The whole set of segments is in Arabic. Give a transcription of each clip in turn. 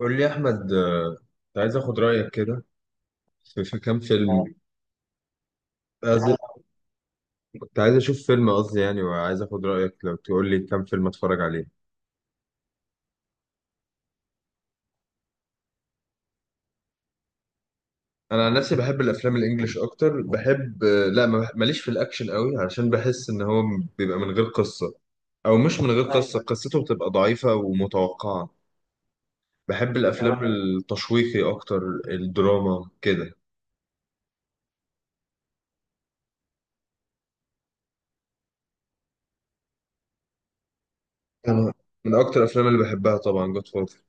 قول لي يا احمد آه، كنت عايز اخد رايك كده في كام فيلم كنت عايز كنت عايز اشوف فيلم قصدي يعني وعايز اخد رايك لو تقول لي كام فيلم اتفرج عليه. انا عن نفسي بحب الافلام الانجليش اكتر، بحب لا ماليش في الاكشن قوي، علشان بحس ان هو بيبقى من غير قصه، او مش من غير قصه، ايوه قصته بتبقى ضعيفه ومتوقعه. بحب الافلام التشويقي اكتر، الدراما كده. انا من اكتر الافلام اللي بحبها طبعا جود فاذر.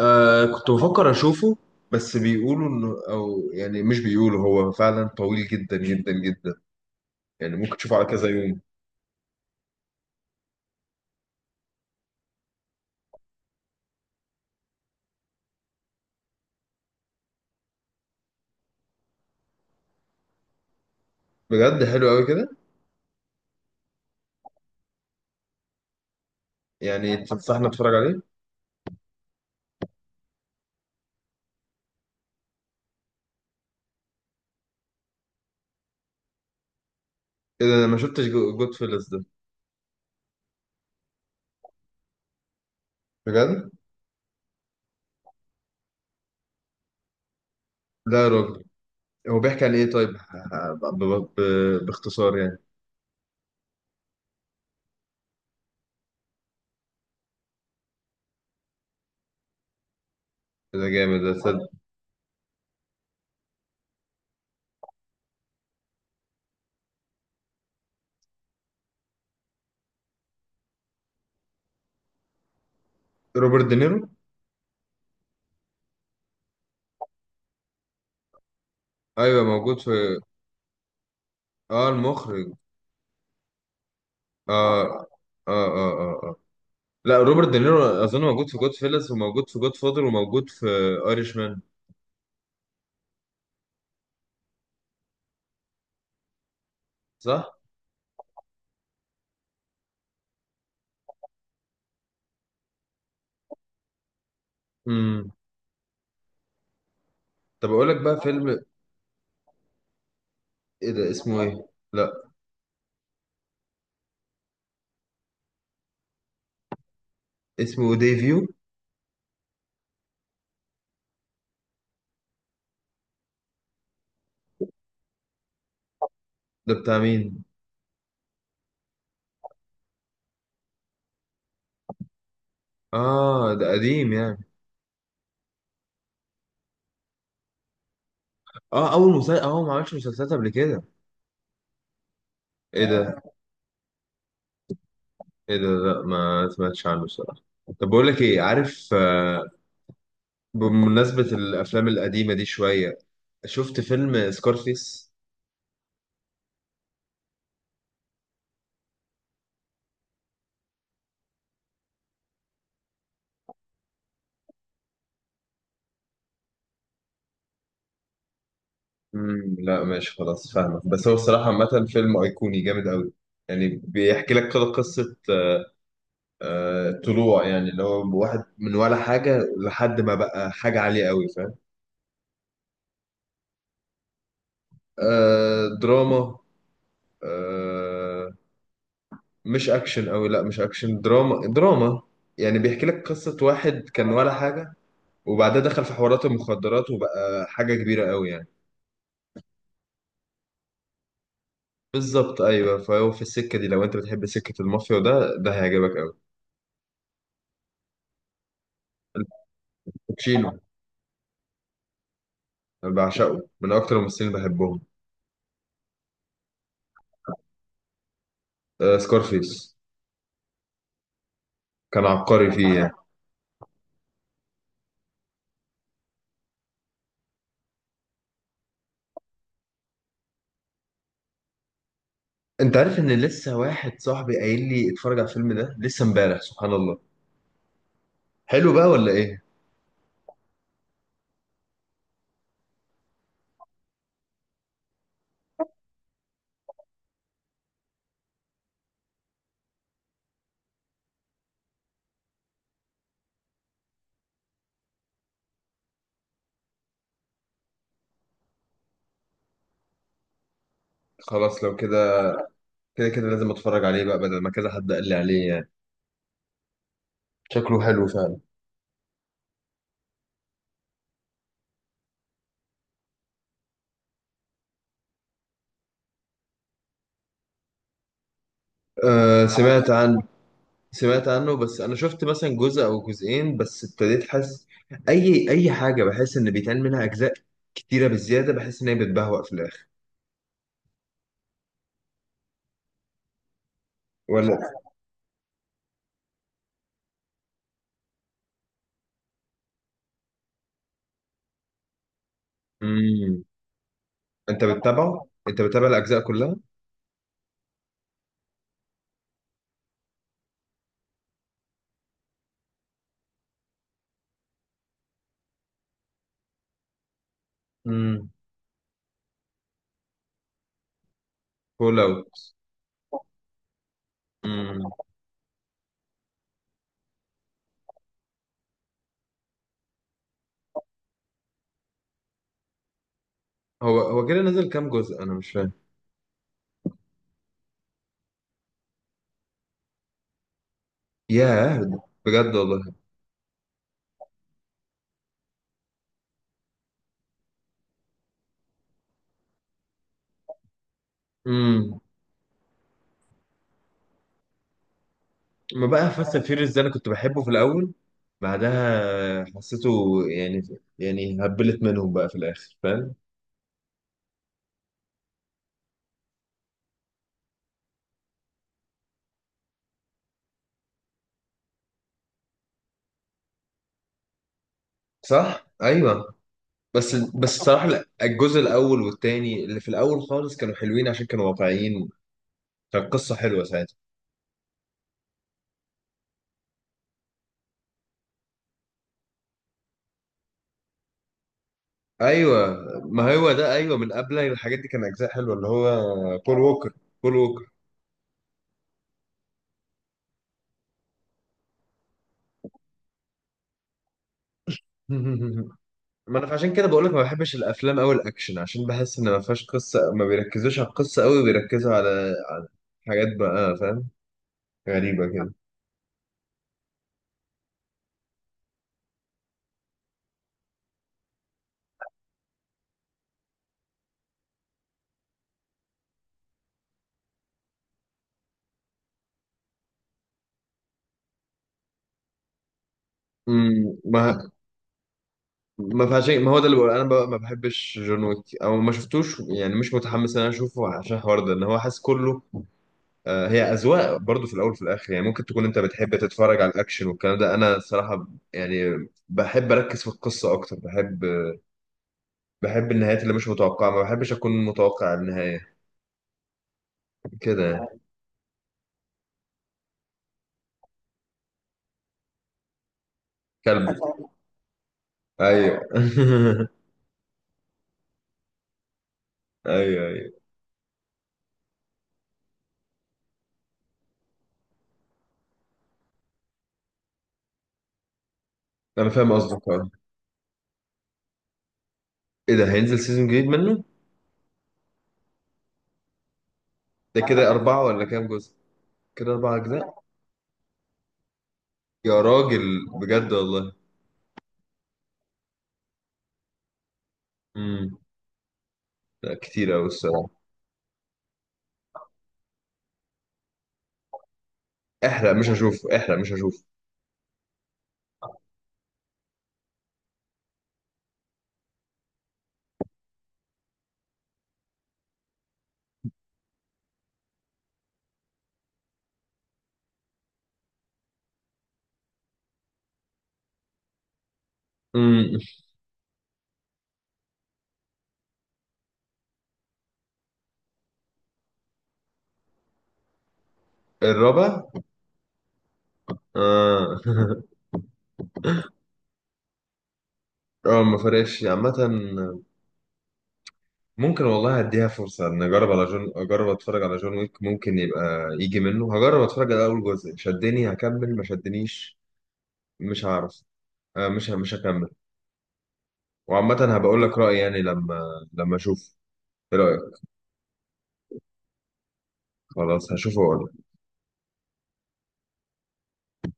آه كنت بفكر اشوفه، بس بيقولوا انه او يعني مش بيقولوا، هو فعلا طويل جدا جدا جدا، يعني ممكن تشوفه على كذا يوم. بجد حلو قوي كده؟ يعني تنصحنا نتفرج عليه؟ ايه ده، انا ما شفتش جود فيلز ده؟ بجد؟ لا يا راجل، هو بيحكي عن ايه طيب؟ باختصار يعني. إيه ده جامد ده، صدق؟ روبرت دينيرو؟ ايوه موجود في، اه المخرج. اه اه اه اه, آه. لا روبرت دينيرو اظن موجود في جود فيلز، وموجود في جود فاذر، وموجود في ايرش مان. صح؟ طب اقول لك بقى فيلم. ايه ده اسمه ايه؟ لا. اسمه ديفيو؟ ده بتاع مين؟ اه ده قديم يعني؟ اه اول مسلسل، اه هو ما عملش مسلسلات قبل كده؟ ايه ده. ايه ده، لا ما سمعتش عنه الصراحه. طب بقول لك ايه، عارف آه، بمناسبة الافلام القديمة دي شوية، شفت فيلم سكارفيس؟ لا ماشي خلاص فاهمك، بس هو الصراحة عامة فيلم ايقوني جامد قوي. يعني بيحكي لك كده قصة آه طلوع، يعني اللي هو واحد من ولا حاجة لحد ما بقى حاجة عالية قوي، فاهم؟ آه دراما. آه مش اكشن قوي، لا مش اكشن، دراما دراما. يعني بيحكي لك قصة واحد كان ولا حاجة، وبعدها دخل في حوارات المخدرات وبقى حاجة كبيرة قوي يعني. بالظبط ايوه، فهو في السكة دي، لو انت بتحب سكة المافيا وده، ده هيعجبك قوي. الباتشينو؟ أنا بعشقه، من اكتر الممثلين اللي بحبهم. آه سكارفيس، كان عبقري فيه يعني. انت عارف ان لسه واحد صاحبي قايل لي اتفرج على الفيلم ده لسه امبارح، سبحان الله. حلو بقى ولا ايه؟ خلاص لو كده، كده كده لازم اتفرج عليه بقى، بدل ما كذا حد قال لي عليه يعني. شكله حلو فعلا. أه سمعت عن، سمعت عنه. بس انا شفت مثلا جزء او جزئين، بس ابتديت حاسس اي حاجه بحس ان بيتعمل منها اجزاء كتيره بزياده، بحس ان هي بتبهوأ في الاخر. ولا. امم انت بتتابعه، انت بتتابع الاجزاء كلها؟ امم. فول اوت. امم. هو كده نزل كام جزء، انا مش فاهم. ياه. بجد والله. امم. ما بقى فاست اند فيوريوس ده انا كنت بحبه في الاول، بعدها حسيته يعني هبلت منهم بقى في الاخر، فاهم؟ صح ايوه. بس الصراحه لا، الجزء الاول والتاني اللي في الاول خالص كانوا حلوين، عشان كانوا واقعيين. كانت قصه حلوه ساعتها. ايوه، ما هو ده ايوه، من قبل الحاجات دي كان اجزاء حلوه، اللي هو بول ووكر. بول ووكر. ما انا عشان كده بقول لك ما بحبش الافلام او الاكشن، عشان بحس ان ما فيهاش قصه، ما بيركزوش على القصه قوي، بيركزوا على حاجات بقى فاهم، غريبة كده. امم ما ما فعشان ما هو ده اللي بقول، انا بقى ما بحبش جون ويك او ما شفتوش، يعني مش متحمس ان انا اشوفه عشان الحوار ده، ان هو حاسس كله. آه، هي اذواق برضو، في الاول وفي الاخر يعني، ممكن تكون انت بتحب تتفرج على الاكشن والكلام ده، انا الصراحة يعني بحب اركز في القصة اكتر، بحب بحب النهايات اللي مش متوقعة، ما بحبش اكون متوقع النهاية كده يعني. كلب. ايوه ايوه ايوه. انا فاهم قصدك آه. ايه ده، هينزل سيزون جديد منه؟ ده كده اربعة ولا كام جزء؟ كده اربعة اجزاء. يا راجل، بجد والله. امم. لا كتير قوي الصراحه. احرق مش هشوف، احرق مش هشوف. امم. الرابع. اه اه ما فرقش عامه. ممكن والله اديها فرصه ان اجرب على جون، اجرب اتفرج على جون ويك، ممكن يبقى يجي منه. هجرب اتفرج على اول جزء، شدني هكمل، ما شدنيش مش هعرف. آه مش هكمل. وعامه هبقول لك رايي يعني، لما لما اشوف. ايه رايك؟ خلاص هشوفه واقول.